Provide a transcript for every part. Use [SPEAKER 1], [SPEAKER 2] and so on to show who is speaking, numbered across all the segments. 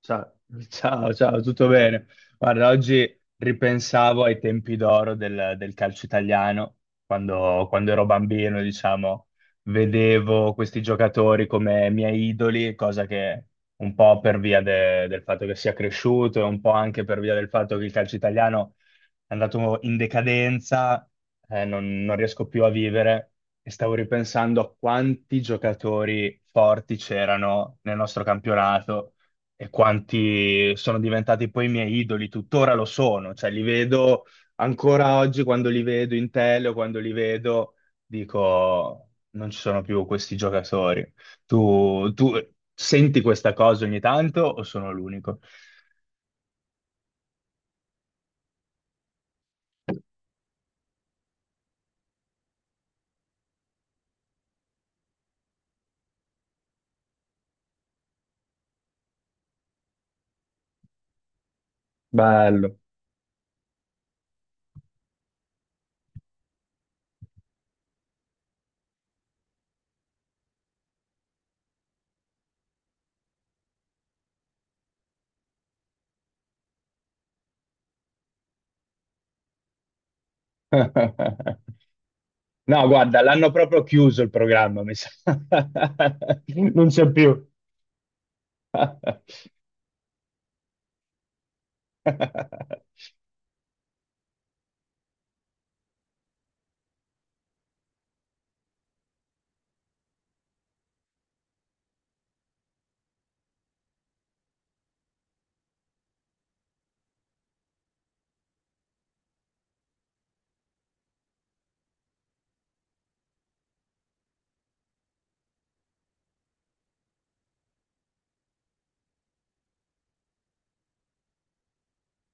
[SPEAKER 1] Ciao, ciao, ciao, tutto bene? Guarda, oggi ripensavo ai tempi d'oro del calcio italiano, quando ero bambino, diciamo, vedevo questi giocatori come miei idoli, cosa che un po' per via del fatto che sia cresciuto e un po' anche per via del fatto che il calcio italiano è andato in decadenza, non riesco più a vivere e stavo ripensando a quanti giocatori forti c'erano nel nostro campionato e quanti sono diventati poi i miei idoli, tuttora lo sono, cioè li vedo ancora oggi quando li vedo in tele o quando li vedo, dico non ci sono più questi giocatori. Tu senti questa cosa ogni tanto o sono l'unico? Bello. No, guarda, l'hanno proprio chiuso il programma, mi sa. Non c'è più.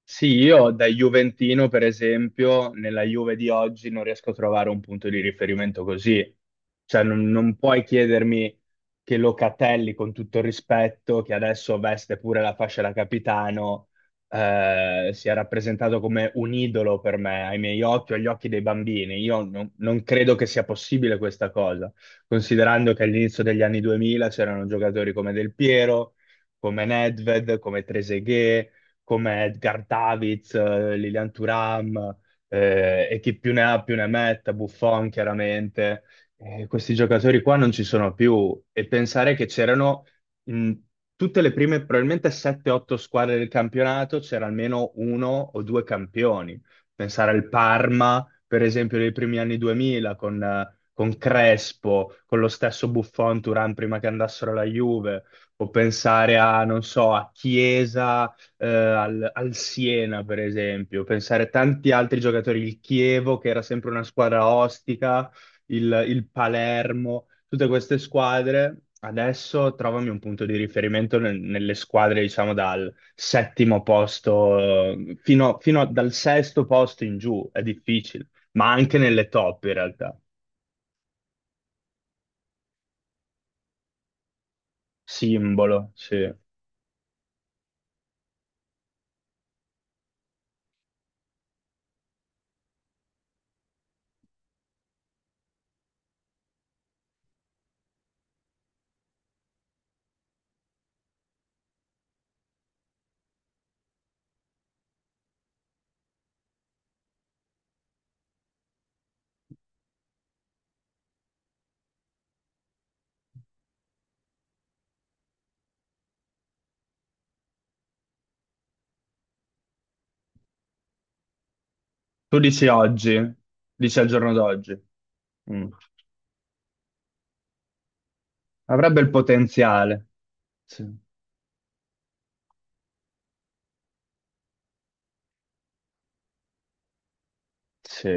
[SPEAKER 1] Sì, io da Juventino, per esempio, nella Juve di oggi non riesco a trovare un punto di riferimento così. Cioè, non puoi chiedermi che Locatelli, con tutto il rispetto, che adesso veste pure la fascia da capitano, sia rappresentato come un idolo per me, ai miei occhi o agli occhi dei bambini. Io non credo che sia possibile questa cosa, considerando che all'inizio degli anni 2000 c'erano giocatori come Del Piero, come Nedved, come Trezeguet, come Edgar Davids, Lilian Thuram, e chi più ne ha più ne metta, Buffon chiaramente. Questi giocatori qua non ci sono più e pensare che c'erano in tutte le prime, probabilmente 7-8 squadre del campionato, c'era almeno uno o due campioni. Pensare al Parma, per esempio, dei primi anni 2000 con... con Crespo, con lo stesso Buffon, Turan prima che andassero alla Juve, o pensare a, non so, a Chiesa, al Siena, per esempio, pensare a tanti altri giocatori, il Chievo, che era sempre una squadra ostica, il Palermo, tutte queste squadre. Adesso trovami un punto di riferimento nelle squadre, diciamo, dal settimo posto fino dal sesto posto in giù, è difficile, ma anche nelle top in realtà. Simbolo, sì. Tu dici oggi, dici al giorno d'oggi. Mm. Avrebbe il potenziale. Sì. Sì,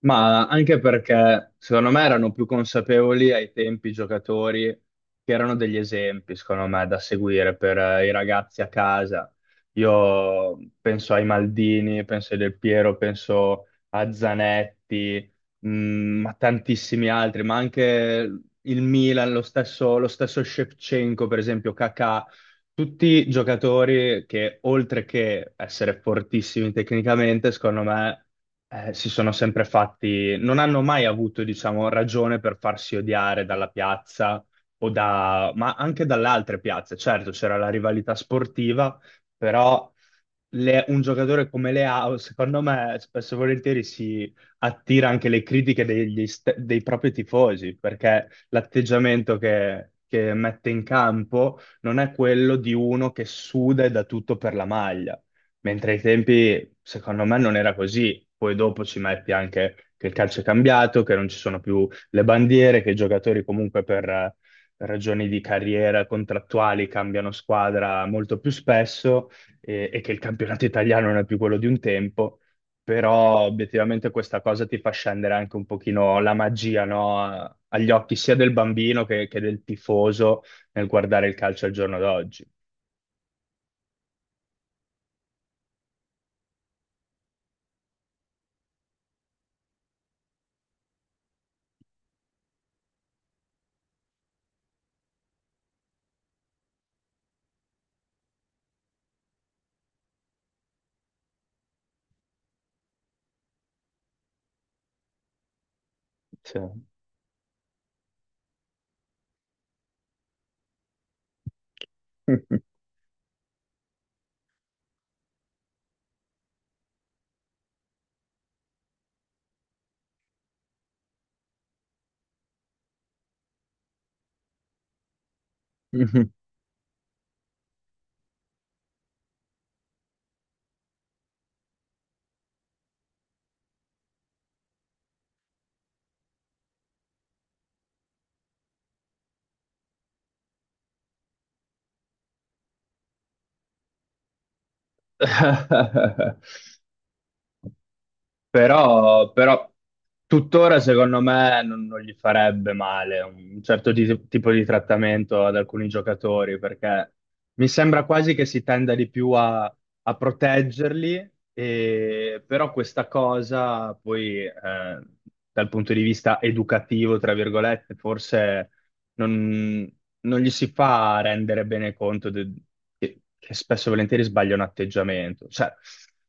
[SPEAKER 1] ma anche perché secondo me erano più consapevoli ai tempi i giocatori che erano degli esempi, secondo me, da seguire per i ragazzi a casa. Io penso ai Maldini, penso ai Del Piero, penso a Zanetti, a tantissimi altri, ma anche il Milan, lo stesso Shevchenko, per esempio, Kakà, tutti giocatori che, oltre che essere fortissimi tecnicamente, secondo me, si sono sempre fatti, non hanno mai avuto, diciamo, ragione per farsi odiare dalla piazza o da, ma anche dalle altre piazze. Certo, c'era la rivalità sportiva, però un giocatore come Leao, secondo me, spesso e volentieri si attira anche le critiche dei propri tifosi, perché l'atteggiamento che mette in campo non è quello di uno che suda e dà tutto per la maglia, mentre ai tempi, secondo me, non era così. Poi dopo ci metti anche che il calcio è cambiato, che non ci sono più le bandiere, che i giocatori comunque per ragioni di carriera contrattuali cambiano squadra molto più spesso e che il campionato italiano non è più quello di un tempo. Però obiettivamente questa cosa ti fa scendere anche un pochino la magia, no? Agli occhi sia del bambino che del tifoso nel guardare il calcio al giorno d'oggi. Cioè. Però tuttora secondo me non gli farebbe male un certo tipo di trattamento ad alcuni giocatori, perché mi sembra quasi che si tenda di più a proteggerli, e, però questa cosa poi dal punto di vista educativo, tra virgolette, forse non, non gli si fa rendere bene conto che spesso e volentieri sbaglia un atteggiamento. Cioè,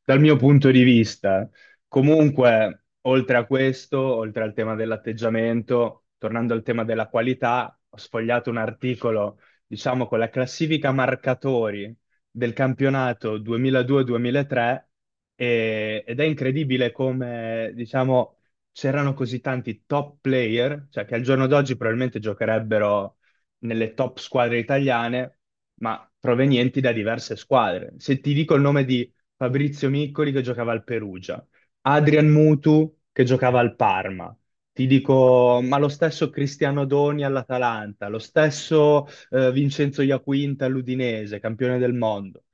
[SPEAKER 1] dal mio punto di vista... Comunque, oltre a questo, oltre al tema dell'atteggiamento, tornando al tema della qualità, ho sfogliato un articolo, diciamo, con la classifica marcatori del campionato 2002-2003 ed è incredibile come, diciamo, c'erano così tanti top player, cioè che al giorno d'oggi probabilmente giocherebbero nelle top squadre italiane, ma provenienti da diverse squadre. Se ti dico il nome di... Fabrizio Miccoli che giocava al Perugia. Adrian Mutu che giocava al Parma. Ti dico, ma lo stesso Cristiano Doni all'Atalanta, lo stesso Vincenzo Iaquinta all'Udinese, campione del mondo.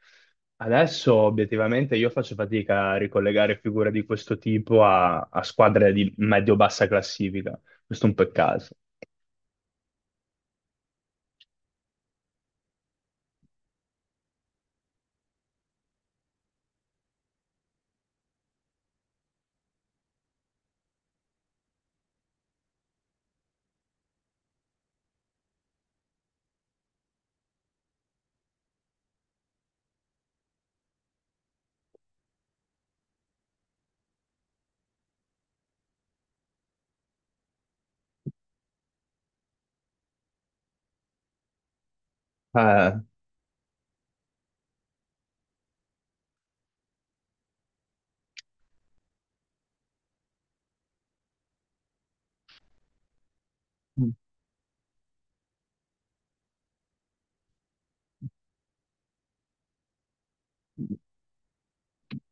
[SPEAKER 1] Adesso obiettivamente io faccio fatica a ricollegare figure di questo tipo a squadre di medio-bassa classifica. Questo è un peccato. Eh,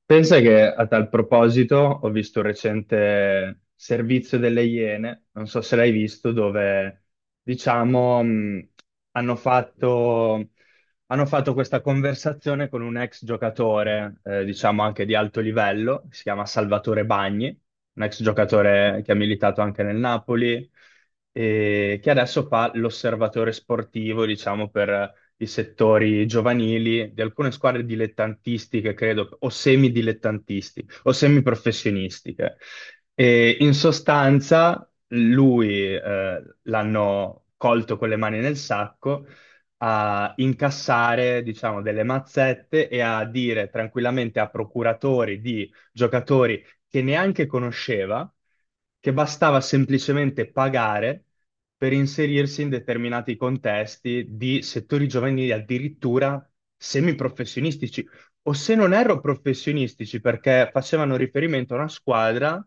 [SPEAKER 1] Pensa che a tal proposito ho visto un recente servizio delle Iene, non so se l'hai visto, dove diciamo hanno fatto, hanno fatto questa conversazione con un ex giocatore, diciamo anche di alto livello, si chiama Salvatore Bagni, un ex giocatore che ha militato anche nel Napoli e che adesso fa l'osservatore sportivo, diciamo, per i settori giovanili di alcune squadre dilettantistiche, credo, o semidilettantistiche o semiprofessionistiche. E in sostanza lui l'hanno colto con le mani nel sacco a incassare, diciamo, delle mazzette e a dire tranquillamente a procuratori di giocatori che neanche conosceva, che bastava semplicemente pagare per inserirsi in determinati contesti di settori giovanili addirittura semiprofessionistici, o se non erro professionistici, perché facevano riferimento a una squadra,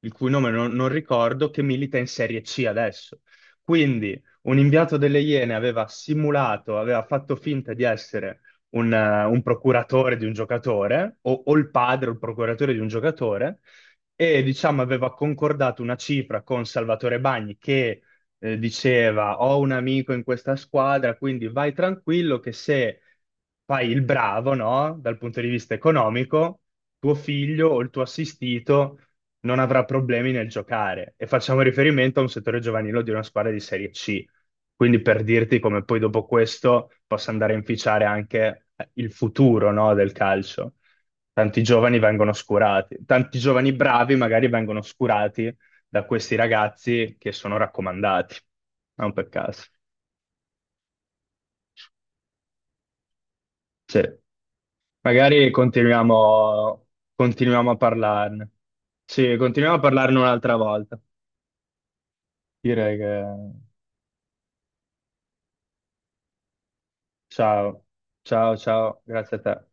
[SPEAKER 1] il cui nome non ricordo, che milita in Serie C adesso. Quindi un inviato delle Iene aveva simulato, aveva fatto finta di essere un procuratore di un giocatore o il padre o il procuratore di un giocatore e diciamo aveva concordato una cifra con Salvatore Bagni che diceva ho un amico in questa squadra, quindi vai tranquillo che se fai il bravo, no, dal punto di vista economico, tuo figlio o il tuo assistito non avrà problemi nel giocare. E facciamo riferimento a un settore giovanile di una squadra di Serie C. Quindi per dirti come poi dopo questo possa andare a inficiare anche il futuro, no, del calcio. Tanti giovani vengono oscurati, tanti giovani bravi magari vengono oscurati da questi ragazzi che sono raccomandati, non per caso. Sì. Magari continuiamo, a parlarne. Sì, continuiamo a parlarne un'altra volta. Direi che... Ciao, ciao, ciao, grazie a te.